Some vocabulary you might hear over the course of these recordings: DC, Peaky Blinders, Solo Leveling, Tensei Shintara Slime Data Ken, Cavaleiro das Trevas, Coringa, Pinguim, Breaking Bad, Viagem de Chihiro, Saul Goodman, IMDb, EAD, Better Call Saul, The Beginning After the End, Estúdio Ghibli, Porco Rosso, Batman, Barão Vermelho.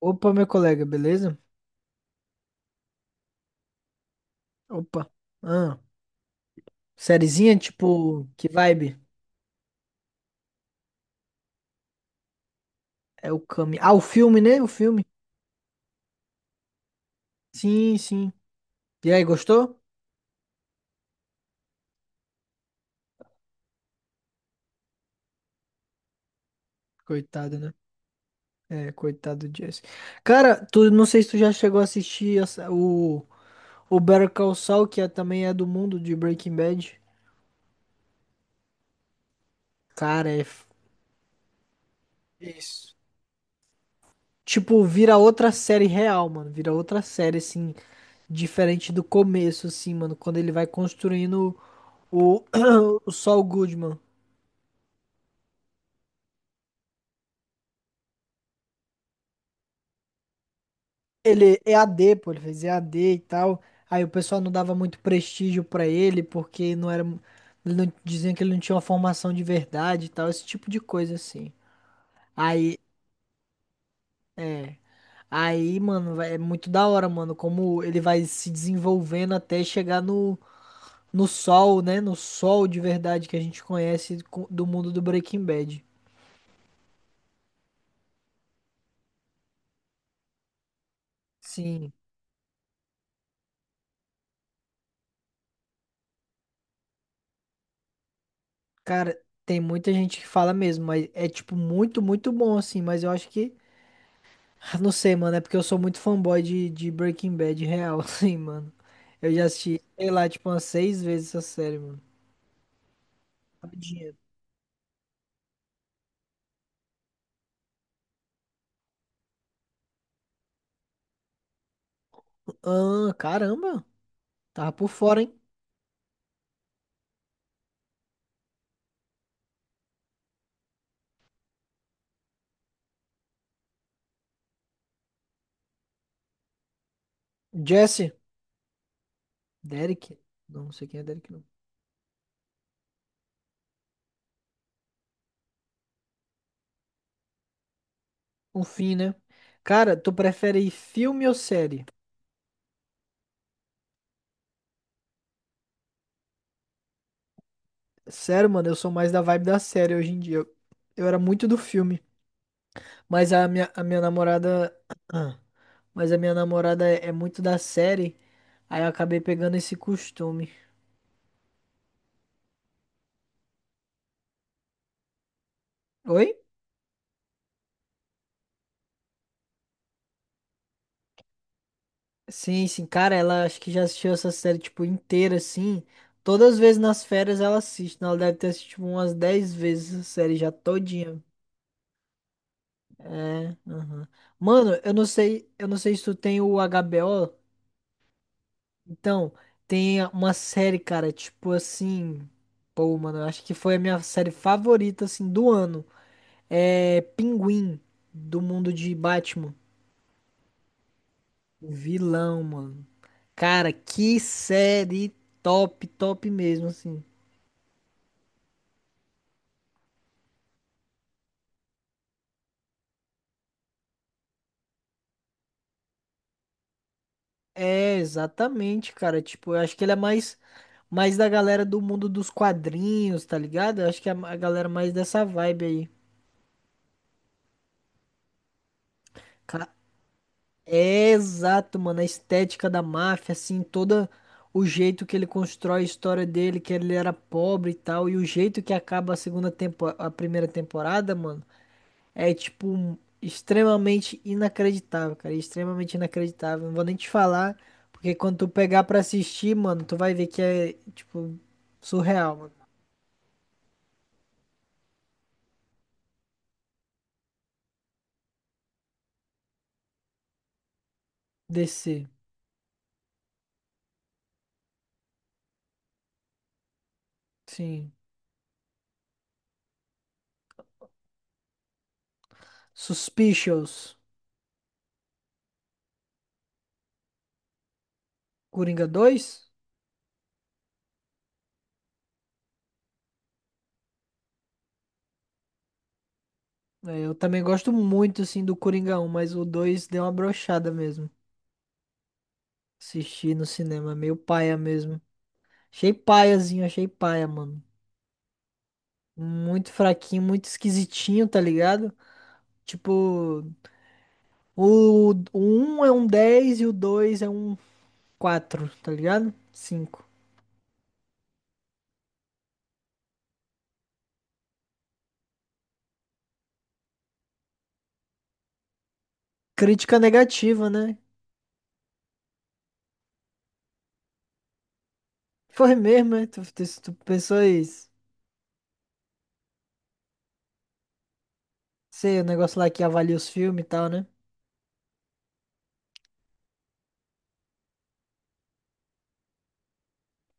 Opa, meu colega, beleza? Opa. Ah, sériezinha, tipo, que vibe? É o Kami. Ah, o filme, né? O filme. Sim, sim. E aí, gostou? Coitado, né? É, coitado do Jesse. Cara, tu não sei se tu já chegou a assistir o Better Call Saul, também é do mundo de Breaking Bad. Cara, é. Isso. Tipo, vira outra série real, mano. Vira outra série, assim, diferente do começo, assim, mano. Quando ele vai construindo o, o Saul Goodman. Ele é EAD, pô, ele fez EAD e tal. Aí o pessoal não dava muito prestígio pra ele, porque não era. Ele não- Diziam que ele não tinha uma formação de verdade e tal, esse tipo de coisa assim. Aí, é. Aí, mano, é muito da hora, mano, como ele vai se desenvolvendo até chegar no sol, né? No sol de verdade que a gente conhece do mundo do Breaking Bad. Sim, cara, tem muita gente que fala mesmo, mas é tipo muito, muito bom assim, mas eu acho que. Ah, não sei, mano, é porque eu sou muito fanboy de Breaking Bad real, assim, mano. Eu já assisti, sei lá, tipo, umas seis vezes essa série, mano. Rapidinho. Ah, caramba. Tava por fora, hein? Jesse. Derek. Não, não sei quem é Derek, não. Um fim, né? Cara, tu prefere filme ou série? Sério, mano, eu sou mais da vibe da série hoje em dia. Eu era muito do filme. Mas a minha namorada. Ah, mas a minha namorada é muito da série. Aí eu acabei pegando esse costume. Oi? Sim, sim, cara, ela acho que já assistiu essa série, tipo, inteira, assim. Todas as vezes nas férias ela assiste, né? Ela deve ter assistido umas 10 vezes a série já todinha. É, aham. Mano, eu não sei se tu tem o HBO. Então, tem uma série, cara, tipo assim. Pô, mano, eu acho que foi a minha série favorita, assim, do ano. É Pinguim, do mundo de Batman. O vilão, mano. Cara, que série top, top mesmo, assim. É, exatamente, cara. Tipo, eu acho que ele é mais da galera do mundo dos quadrinhos, tá ligado? Eu acho que é a galera mais dessa vibe aí. Ca- É exato, mano. A estética da máfia, assim, todo o jeito que ele constrói a história dele, que ele era pobre e tal, e o jeito que acaba a segunda tempo, a primeira temporada, mano. É tipo extremamente inacreditável, cara. Extremamente inacreditável. Não vou nem te falar, porque quando tu pegar pra assistir, mano, tu vai ver que é tipo surreal, mano. DC, sim. Suspicious, Coringa dois. É, eu também gosto muito assim do Coringa um, mas o 2 deu uma brochada mesmo. Assisti no cinema, meio paia mesmo. Achei paiazinho, achei paia, mano. Muito fraquinho, muito esquisitinho, tá ligado? Tipo, o um é um 10 e o 2 é um quatro, tá ligado? Cinco Crítica negativa, né? Foi mesmo, né? Tu pessoas. Sei, o negócio lá que avalia os filmes e tal, né?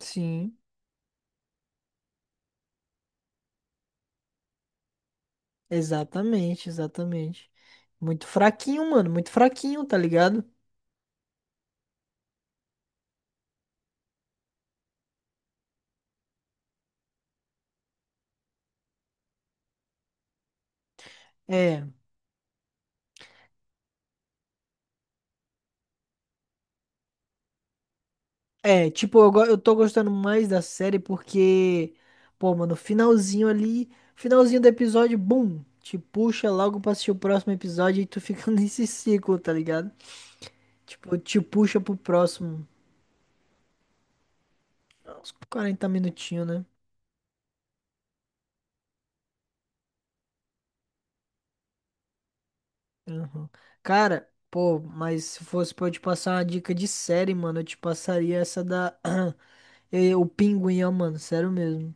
Sim, exatamente, exatamente. Muito fraquinho, mano. Muito fraquinho, tá ligado? É. É, tipo, eu tô gostando mais da série porque, pô, mano, finalzinho ali, finalzinho do episódio, bum, te puxa logo pra assistir o próximo episódio e tu fica nesse ciclo, tá ligado? Tipo, te puxa pro próximo, uns 40 minutinhos, né? Uhum. Cara, pô, mas se fosse pra eu te passar uma dica de série, mano, eu te passaria essa da, o Pinguim, ó, mano, sério mesmo.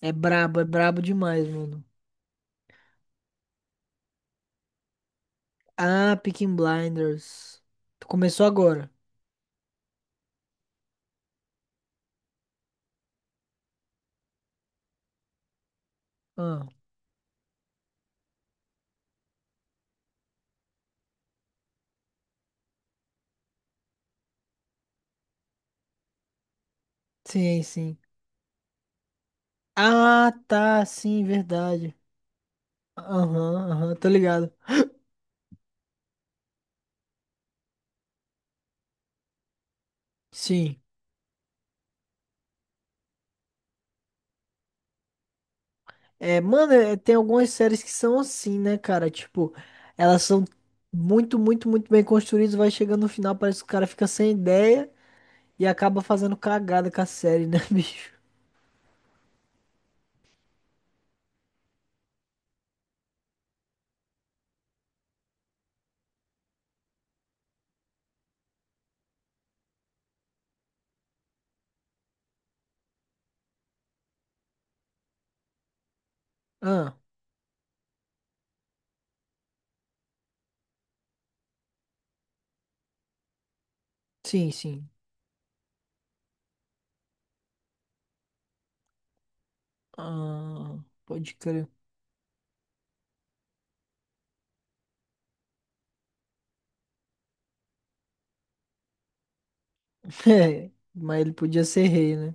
É brabo demais, mano. Ah, Peaky Blinders. Tu começou agora. Ah, sim, sim. Ah, tá, sim, verdade. Aham, aham, tô ligado. Sim. É, mano, é, tem algumas séries que são assim, né, cara? Tipo, elas são muito, muito, muito bem construídas, vai chegando no final, parece que o cara fica sem ideia e acaba fazendo cagada com a série, né, bicho? Ah, sim, sim. Ah, pode crer. É, mas ele podia ser rei, né?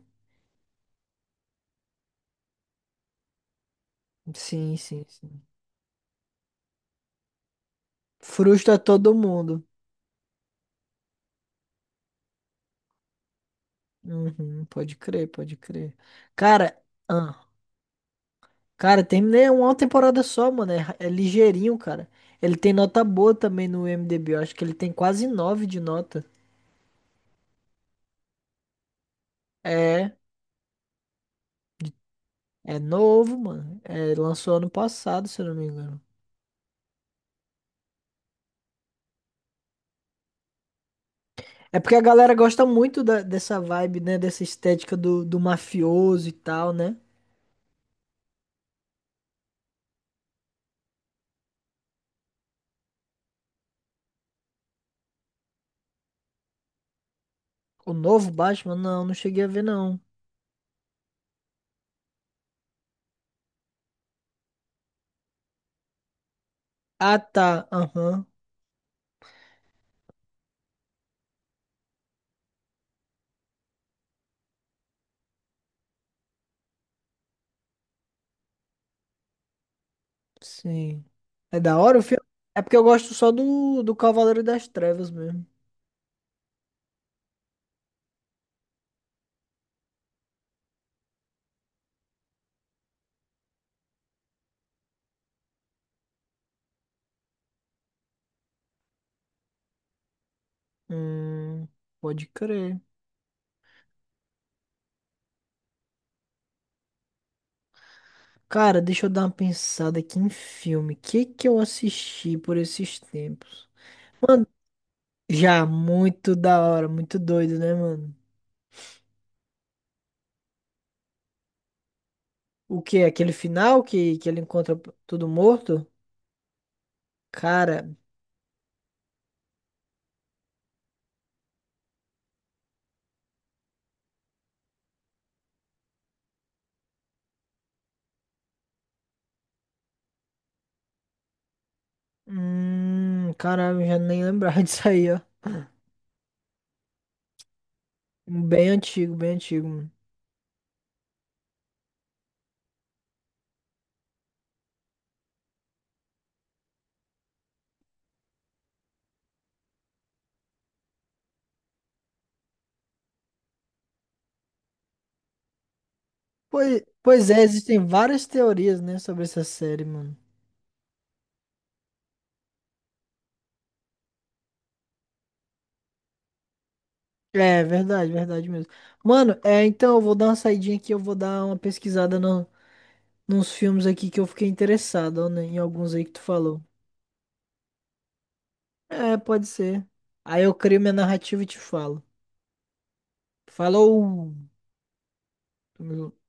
Sim, sim, sim. Frustra todo mundo. Uhum, pode crer, pode crer. Cara, ah, cara, terminei uma temporada só, mano. É, é ligeirinho, cara. Ele tem nota boa também no IMDb. Eu acho que ele tem quase 9 de nota. É, é novo, mano. É, lançou ano passado, se eu não me engano. É porque a galera gosta muito dessa vibe, né? Dessa estética do mafioso e tal, né? O novo Batman, não, não cheguei a ver, não. Ah, tá. Aham. Sim. É da hora o filme? É porque eu gosto só do Cavaleiro das Trevas mesmo. Hum, pode crer. Cara, deixa eu dar uma pensada aqui em filme. O que que eu assisti por esses tempos? Mano, já muito da hora, muito doido, né, mano? O que? Aquele final que ele encontra tudo morto? Cara, caralho, eu já nem lembrava disso aí, ó. Bem antigo, mano. Pois é, existem várias teorias, né, sobre essa série, mano. É verdade, verdade mesmo. Mano, é, então eu vou dar uma saidinha aqui, eu vou dar uma pesquisada no, nos filmes aqui que eu fiquei interessado, ó, né, em alguns aí que tu falou. É, pode ser. Aí eu crio minha narrativa e te falo. Falou! Tamo junto.